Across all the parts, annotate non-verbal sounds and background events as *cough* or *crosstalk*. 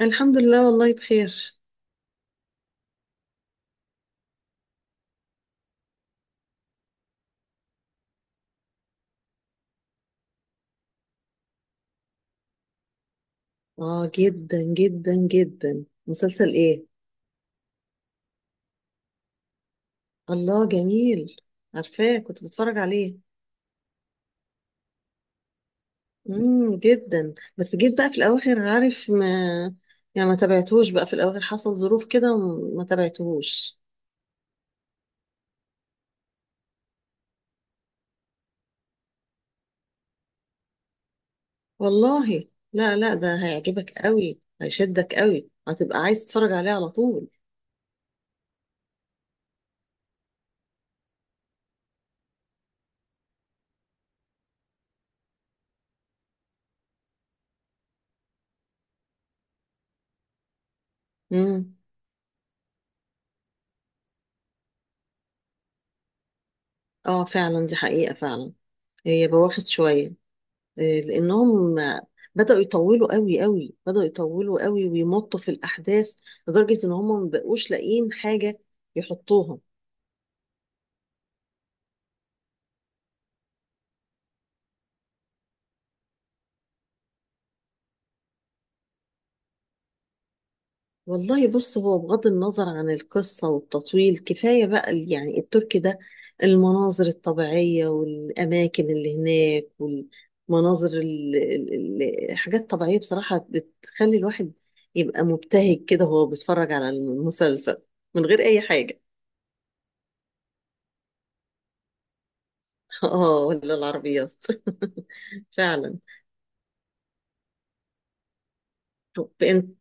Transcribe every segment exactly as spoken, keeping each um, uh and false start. الحمد لله، والله بخير. اه، جدا جدا جدا. مسلسل ايه؟ الله، جميل. عارفاه، كنت بتفرج عليه. امم، جدا. بس جيت بقى في الاواخر، عارف؟ ما يعني ما تابعتهوش بقى في الاواخر، حصل ظروف كده وما تابعتهوش. والله، لا، لا، ده هيعجبك قوي، هيشدك قوي، هتبقى عايز تتفرج عليه على طول. امم. اه، فعلا، دي حقيقة فعلا. هي بواخد شوية. آه، لانهم بدأوا يطولوا قوي قوي، بدأوا يطولوا قوي ويمطوا في الأحداث، لدرجة إن هم ما بقوش لاقيين حاجة يحطوها. والله بص، هو بغض النظر عن القصة والتطويل، كفاية بقى ال- يعني التركي ده، المناظر الطبيعية والأماكن اللي هناك، والمناظر ال- ال- ال- الحاجات الطبيعية بصراحة بتخلي الواحد يبقى مبتهج كده وهو بيتفرج على المسلسل من غير أي حاجة. اه، ولا العربيات. *laughs* فعلا. بإن...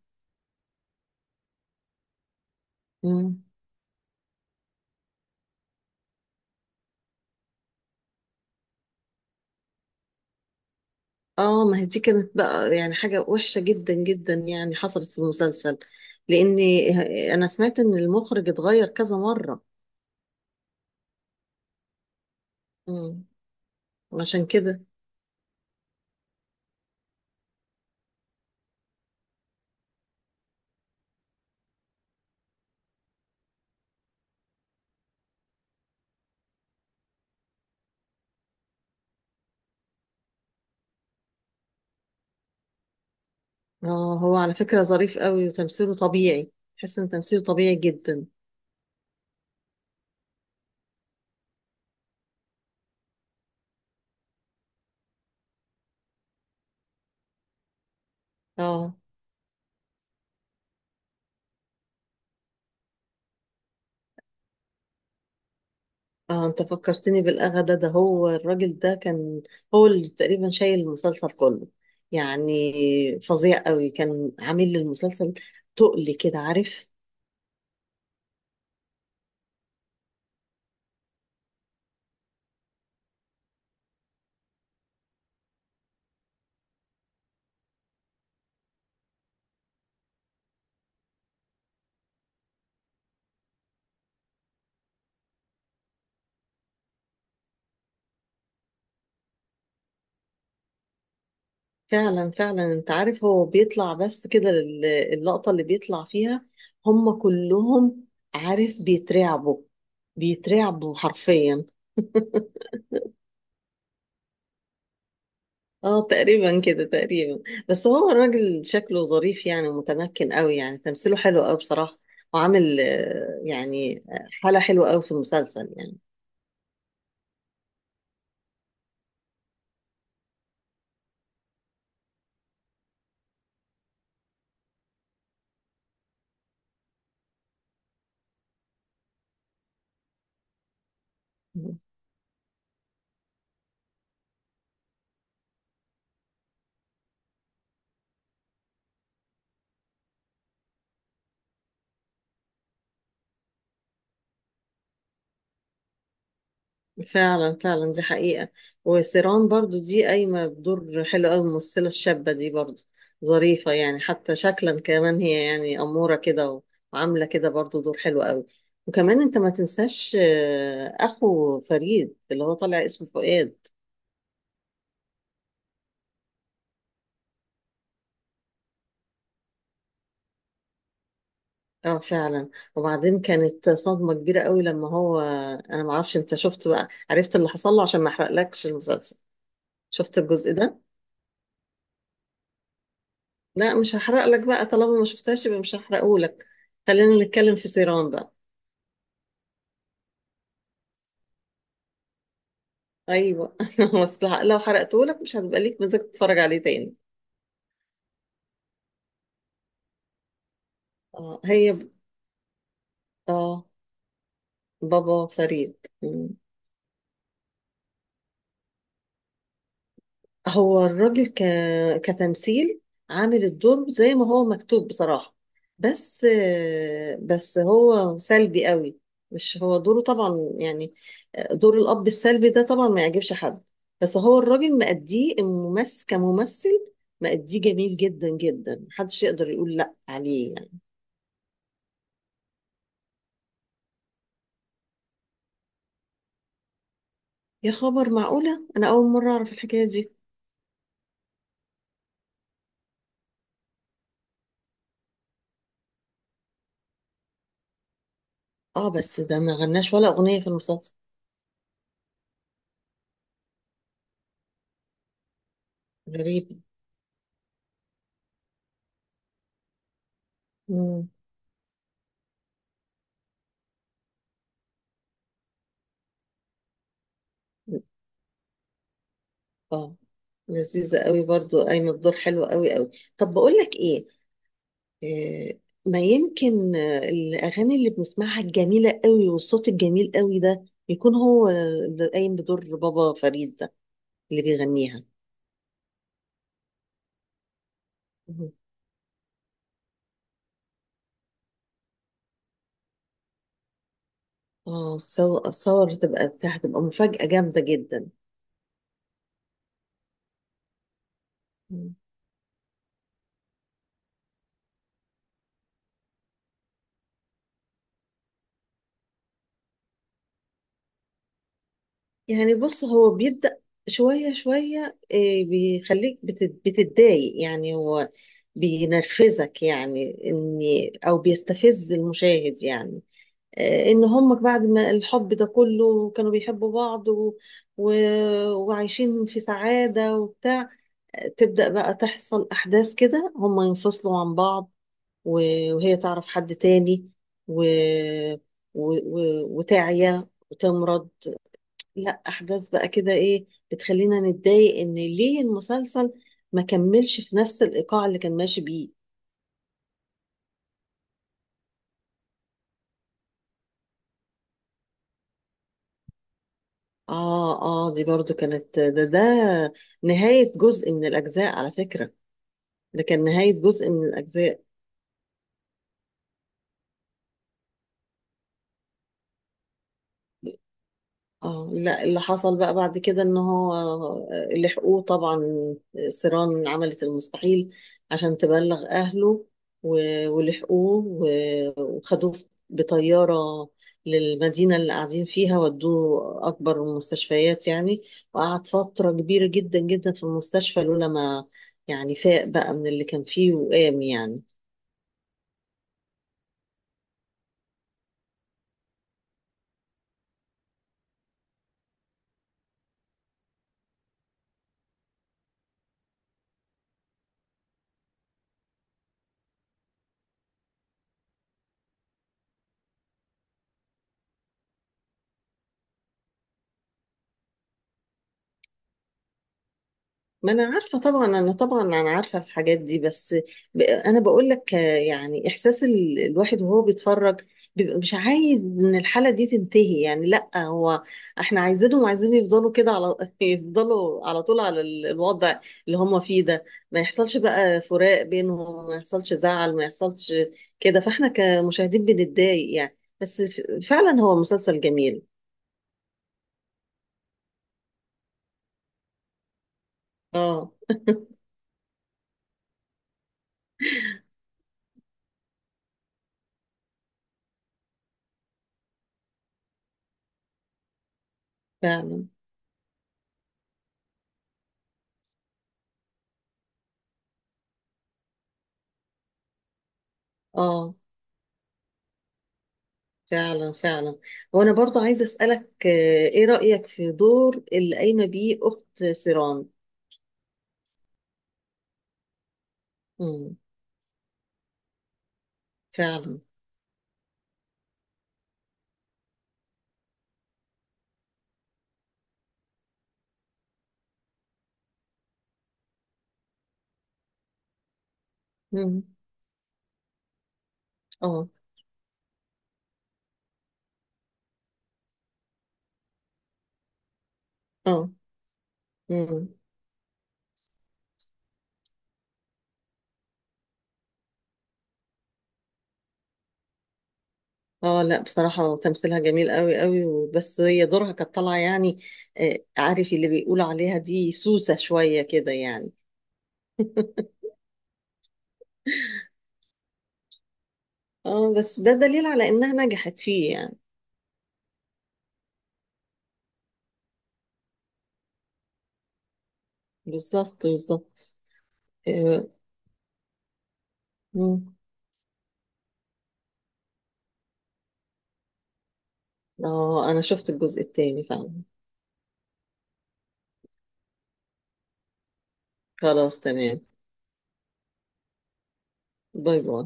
مم. اه، ما هي دي كانت بقى يعني حاجة وحشة جدا جدا، يعني حصلت في المسلسل. لأني، أنا سمعت إن المخرج اتغير كذا مرة. مم. عشان كده. اه، هو على فكرة ظريف قوي، وتمثيله طبيعي. تحس إن تمثيله طبيعي جدا. اه، اه، انت فكرتني بالاغا ده ده هو الراجل ده كان هو اللي تقريبا شايل المسلسل كله. يعني، فظيع قوي كان عامل للمسلسل، تقل كده، عارف؟ فعلا، فعلا، انت عارف، هو بيطلع بس كده لل- اللقطة اللي بيطلع فيها هم كلهم، عارف؟ بيترعبوا، بيترعبوا حرفيا. اه، تقريبا كده، تقريبا. بس هو الراجل شكله ظريف يعني، ومتمكن قوي يعني، تمثيله حلو قوي بصراحة. وعامل آه، يعني آه، حالة حلوة قوي في المسلسل يعني. مم. فعلا، فعلا، دي حقيقة. وسيران برضو دي قايمة بدور حلو قوي، الممثلة الشابة دي برضو ظريفة يعني، حتى شكلا كمان هي يعني أمورة كده، وعاملة كده برضو دور حلو قوي. وكمان انت ما تنساش آه، أخو فريد اللي هو طالع اسمه فؤاد. اه، فعلا. وبعدين كانت صدمة كبيرة قوي لما هو، انا ما اعرفش، انت شفت بقى؟ عرفت اللي حصل له؟ عشان ما احرقلكش المسلسل. شفت الجزء ده؟ لا، مش هحرق لك بقى، طالما ما شفتهاش يبقى مش هحرقه لك. خلينا نتكلم في سيران بقى. ايوه. *laughs* بس لو حرقته لك مش هتبقى ليك مزاج تتفرج عليه تاني. اه، هي ب... اه، بابا فريد. مم. هو الراجل ك... كتمثيل، عامل الدور زي ما هو مكتوب بصراحة. بس بس هو سلبي قوي، مش هو دوره طبعا يعني، دور الأب السلبي ده طبعا ما يعجبش حد. بس هو الراجل مأديه، الممثل كممثل مأديه جميل جدا جدا، محدش يقدر يقول لأ عليه يعني. يا خبر، معقولة؟ أنا أول مرة أعرف الحكاية دي. اه، بس ده ما غناش ولا أغنية في المسلسل. غريب. مم. اه، لذيذة قوي برضو، قايمة بدور حلو قوي قوي. طب بقول لك ايه، آه، ما يمكن آه، الأغاني اللي بنسمعها الجميلة قوي والصوت الجميل قوي ده يكون هو اللي قايم بدور بابا فريد ده، اللي بيغنيها. مم. اه، صور صور، تبقى هتبقى مفاجأة جامدة جدا. يعني بص، هو بيبدأ شوية شوية، إيه، بيخليك بت- بتتضايق يعني، هو بينرفزك يعني إني، أو بيستفز المشاهد يعني. آه، إن هم بعد ما الحب ده كله كانوا بيحبوا بعض و... و... وعايشين في سعادة وبتاع. آه، تبدأ بقى تحصل أحداث كده هم ينفصلوا عن بعض، و... وهي تعرف حد تاني، و... و... و... وتعيا وتمرض. لا، احداث بقى كده ايه، بتخلينا نتضايق ان ليه المسلسل ما كملش في نفس الايقاع اللي كان ماشي بيه. اه، اه، دي برضو كانت، ده ده نهاية جزء من الاجزاء على فكرة. ده كان نهاية جزء من الاجزاء. اه، لا، اللي حصل بقى بعد كده ان هو آه، لحقوه طبعا. سيران عملت المستحيل عشان تبلغ اهله، و- ولحقوه و- وخدوه بطيارة للمدينة اللي قاعدين فيها، ودوه أكبر المستشفيات يعني. وقعد فترة كبيرة جدا جدا في المستشفى، لولا ما يعني فاق بقى من اللي كان فيه وقام يعني. ما انا عارفه طبعا، انا طبعا، انا عارفه الحاجات دي، بس ب- انا بقول لك آه، يعني احساس ال- الواحد وهو بيتفرج، بيبقى مش عايز ان الحاله دي تنتهي يعني. لا، هو احنا عايزينهم، عايزين يفضلوا كده على *laughs* يفضلوا على طول على ال- الوضع اللي هم فيه ده، ما يحصلش بقى فراق بينهم، ما يحصلش زعل، ما يحصلش كده، فاحنا كمشاهدين بنتضايق يعني. بس ف- فعلا هو مسلسل جميل. اه، فعلا. اه، فعلا، فعلا. وانا برضو عايزه اسالك آه، ايه رايك في دور اللي قايمه بيه اخت سيران؟ امم. فعلا. امم. اه، اه. امم. اه، لا، بصراحه تمثيلها جميل قوي قوي، بس هي دورها كانت طالعه يعني، آه، عارف اللي بيقولوا عليها دي سوسه شويه كده يعني. *laughs* اه، بس ده دليل على انها نجحت فيه يعني. بالظبط، بالظبط. اه. مم. آه، انا شفت الجزء الثاني فعلا. خلاص، تمام. باي باي.